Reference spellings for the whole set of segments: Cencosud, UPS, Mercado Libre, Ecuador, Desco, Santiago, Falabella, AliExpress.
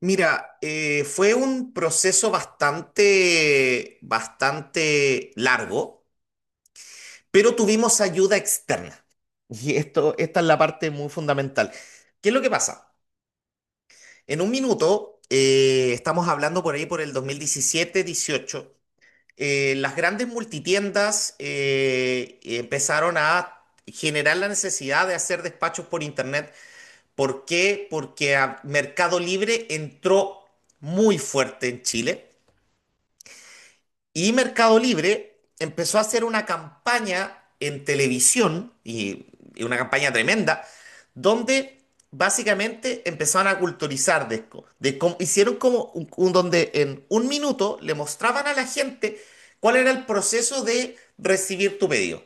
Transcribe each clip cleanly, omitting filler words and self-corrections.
Mira, fue un proceso bastante largo, pero tuvimos ayuda externa. Y esto, esta es la parte muy fundamental. ¿Qué es lo que pasa? En un minuto, estamos hablando por ahí por el 2017-18, las grandes multitiendas empezaron a generar la necesidad de hacer despachos por internet. ¿Por qué? Porque a Mercado Libre entró muy fuerte en Chile. Y Mercado Libre empezó a hacer una campaña en televisión, y una campaña tremenda, donde básicamente empezaron a culturizar Desco. De cómo- hicieron como un- donde en un minuto le mostraban a la gente cuál era el proceso de recibir tu pedido.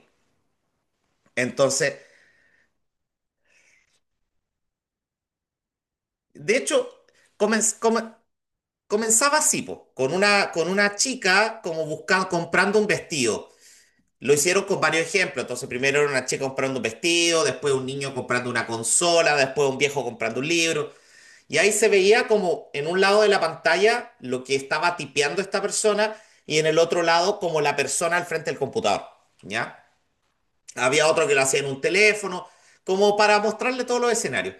Entonces, de hecho, comenz- come- comenzaba así, po, con una chica como buscando, comprando un vestido. Lo hicieron con varios ejemplos. Entonces, primero era una chica comprando un vestido, después un niño comprando una consola, después un viejo comprando un libro. Y ahí se veía como en un lado de la pantalla lo que estaba tipeando esta persona y en el otro lado como la persona al frente del computador. ¿Ya? Había otro que lo hacía en un teléfono, como para mostrarle todos los escenarios.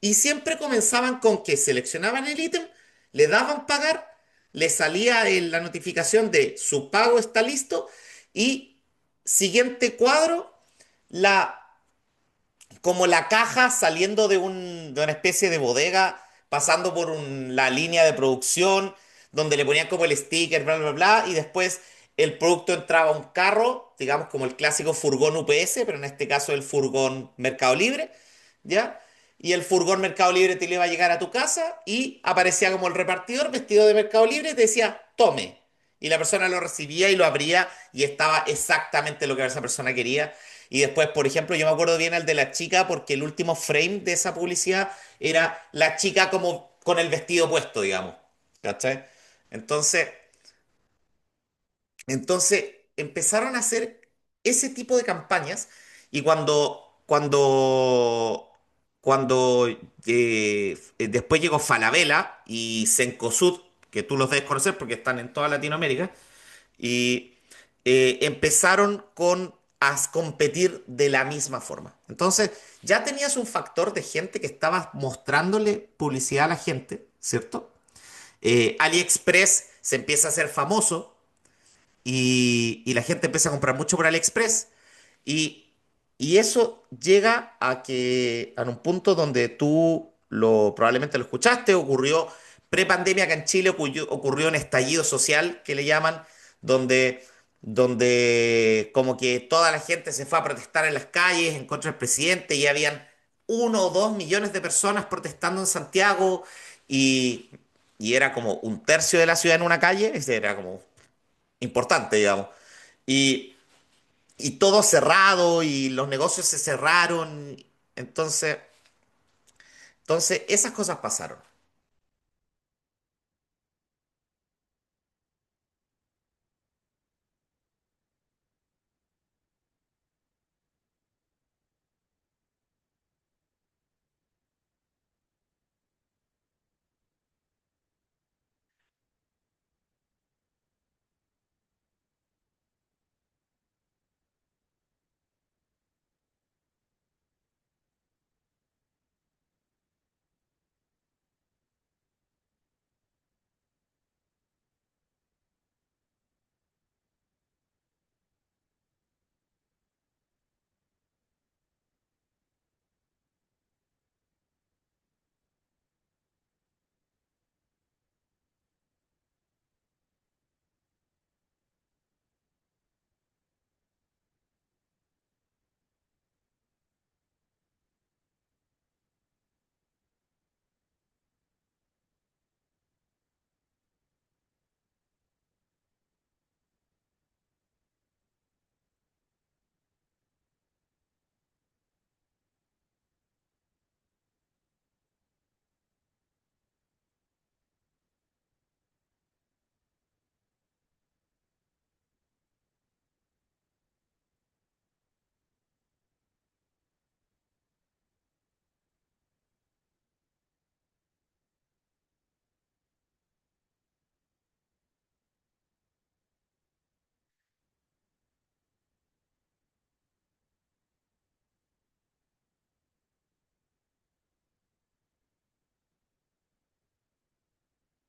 Y siempre comenzaban con que seleccionaban el ítem, le daban pagar, le salía el- la notificación de su pago está listo y siguiente cuadro, la como la caja saliendo de, un, de una especie de bodega, pasando por un- la línea de producción, donde le ponían como el sticker, bla, bla, bla, y después el producto entraba a un carro, digamos como el clásico furgón UPS, pero en este caso el furgón Mercado Libre, ¿ya? Y el furgón Mercado Libre te le iba a llegar a tu casa y aparecía como el repartidor vestido de Mercado Libre y te decía, tome. Y la persona lo recibía y lo abría y estaba exactamente lo que esa persona quería y después, por ejemplo, yo me acuerdo bien al de la chica porque el último frame de esa publicidad era la chica como con el vestido puesto, digamos. ¿Cachai? Entonces, entonces empezaron a hacer ese tipo de campañas y cuando después llegó Falabella y Cencosud, que tú los debes conocer porque están en toda Latinoamérica, y empezaron con a competir de la misma forma. Entonces, ya tenías un factor de gente que estaba mostrándole publicidad a la gente, ¿cierto? AliExpress se empieza a hacer famoso y la gente empieza a comprar mucho por AliExpress. Y, y eso llega a que, a un punto donde tú lo, probablemente lo escuchaste, ocurrió prepandemia acá en Chile, ocurrió un estallido social que le llaman, donde, donde como que toda la gente se fue a protestar en las calles en contra del presidente y habían uno o dos millones de personas protestando en Santiago y, y era como un tercio de la ciudad en una calle, ese era como importante, digamos. Y, y todo cerrado y los negocios se cerraron. Entonces, entonces esas cosas pasaron.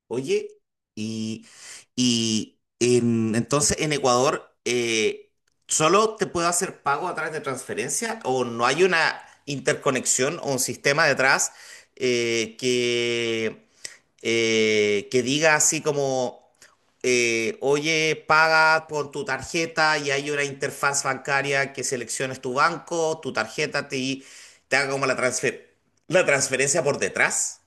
Oye, y, entonces en Ecuador, ¿solo te puedo hacer pago a través de transferencia o no hay una interconexión o un sistema detrás eh, que que diga así como, oye, paga con tu tarjeta y hay una interfaz bancaria que selecciones tu banco, tu tarjeta te, te haga como la la transferencia por detrás?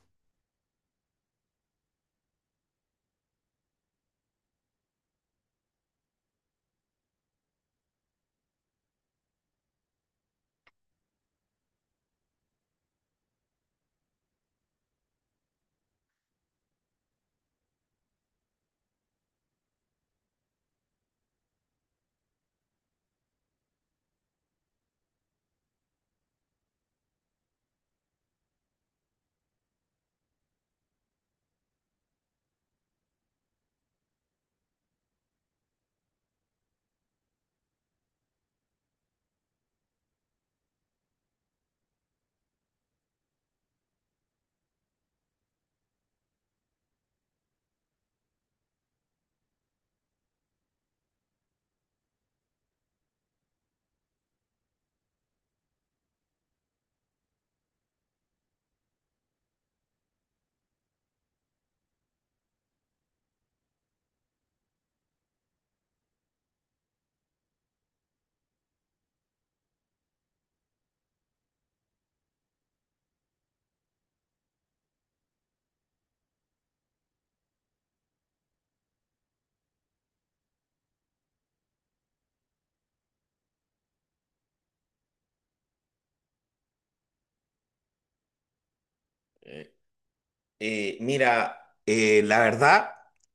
Mira, la verdad,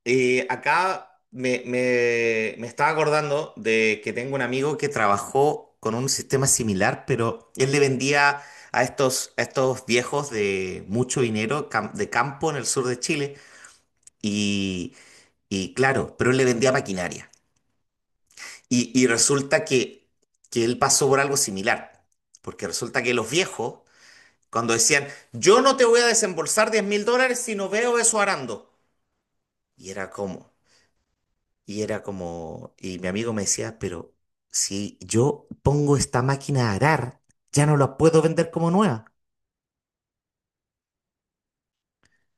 acá me estaba acordando de que tengo un amigo que trabajó con un sistema similar, pero él le vendía a a estos viejos de mucho dinero de campo en el sur de Chile y, y claro, pero él le vendía maquinaria. Y resulta que él pasó por algo similar, porque resulta que los viejos, cuando decían, yo no te voy a desembolsar 10 mil dólares si no veo eso arando. Y era como, y era como, y mi amigo me decía, pero si yo pongo esta máquina a arar, ya no la puedo vender como nueva.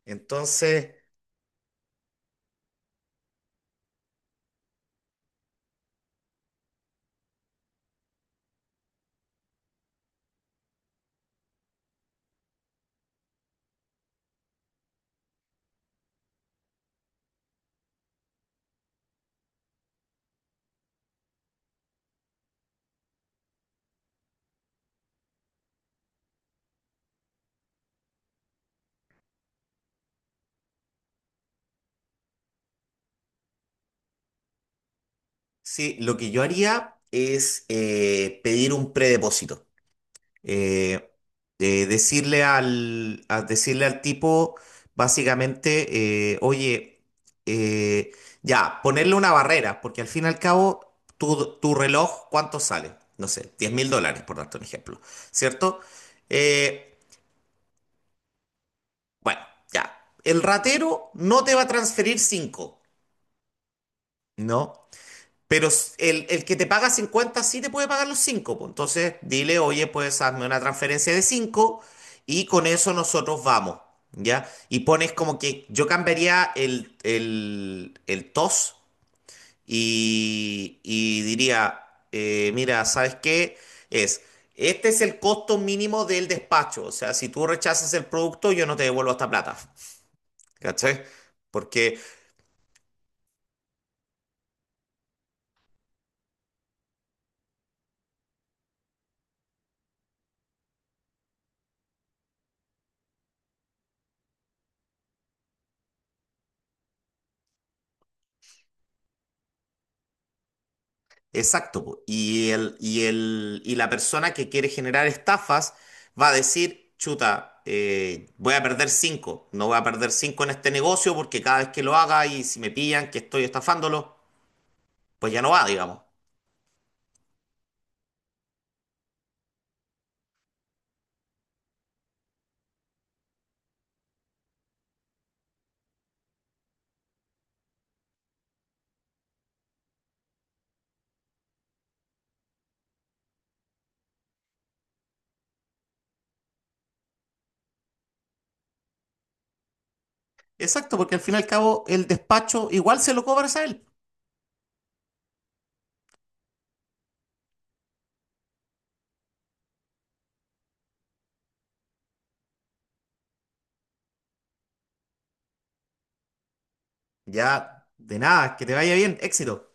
Entonces, sí, lo que yo haría es pedir un predepósito. eh, Decirle al, a decirle al tipo, básicamente, oye, eh, ya, ponerle una barrera, porque al fin y al cabo, tu reloj, ¿cuánto sale? No sé, 10 mil dólares, por darte un ejemplo, ¿cierto? Eh, bueno, ya, el ratero no te va a transferir cinco, ¿no? Pero el que te paga 50 sí te puede pagar los 5. Entonces dile, oye, pues hazme una transferencia de 5 y con eso nosotros vamos. ¿Ya? Y pones como que yo cambiaría el TOS y diría, mira, ¿sabes qué? Es, este es el costo mínimo del despacho. O sea, si tú rechazas el producto, yo no te devuelvo esta plata. ¿Cachai? Porque exacto, po. Y el, y el, y la persona que quiere generar estafas va a decir, chuta, voy a perder cinco, no voy a perder cinco en este negocio porque cada vez que lo haga y si me pillan que estoy estafándolo, pues ya no va, digamos. Exacto, porque al fin y al cabo el despacho igual se lo cobras a él. Ya, de nada, que te vaya bien, éxito.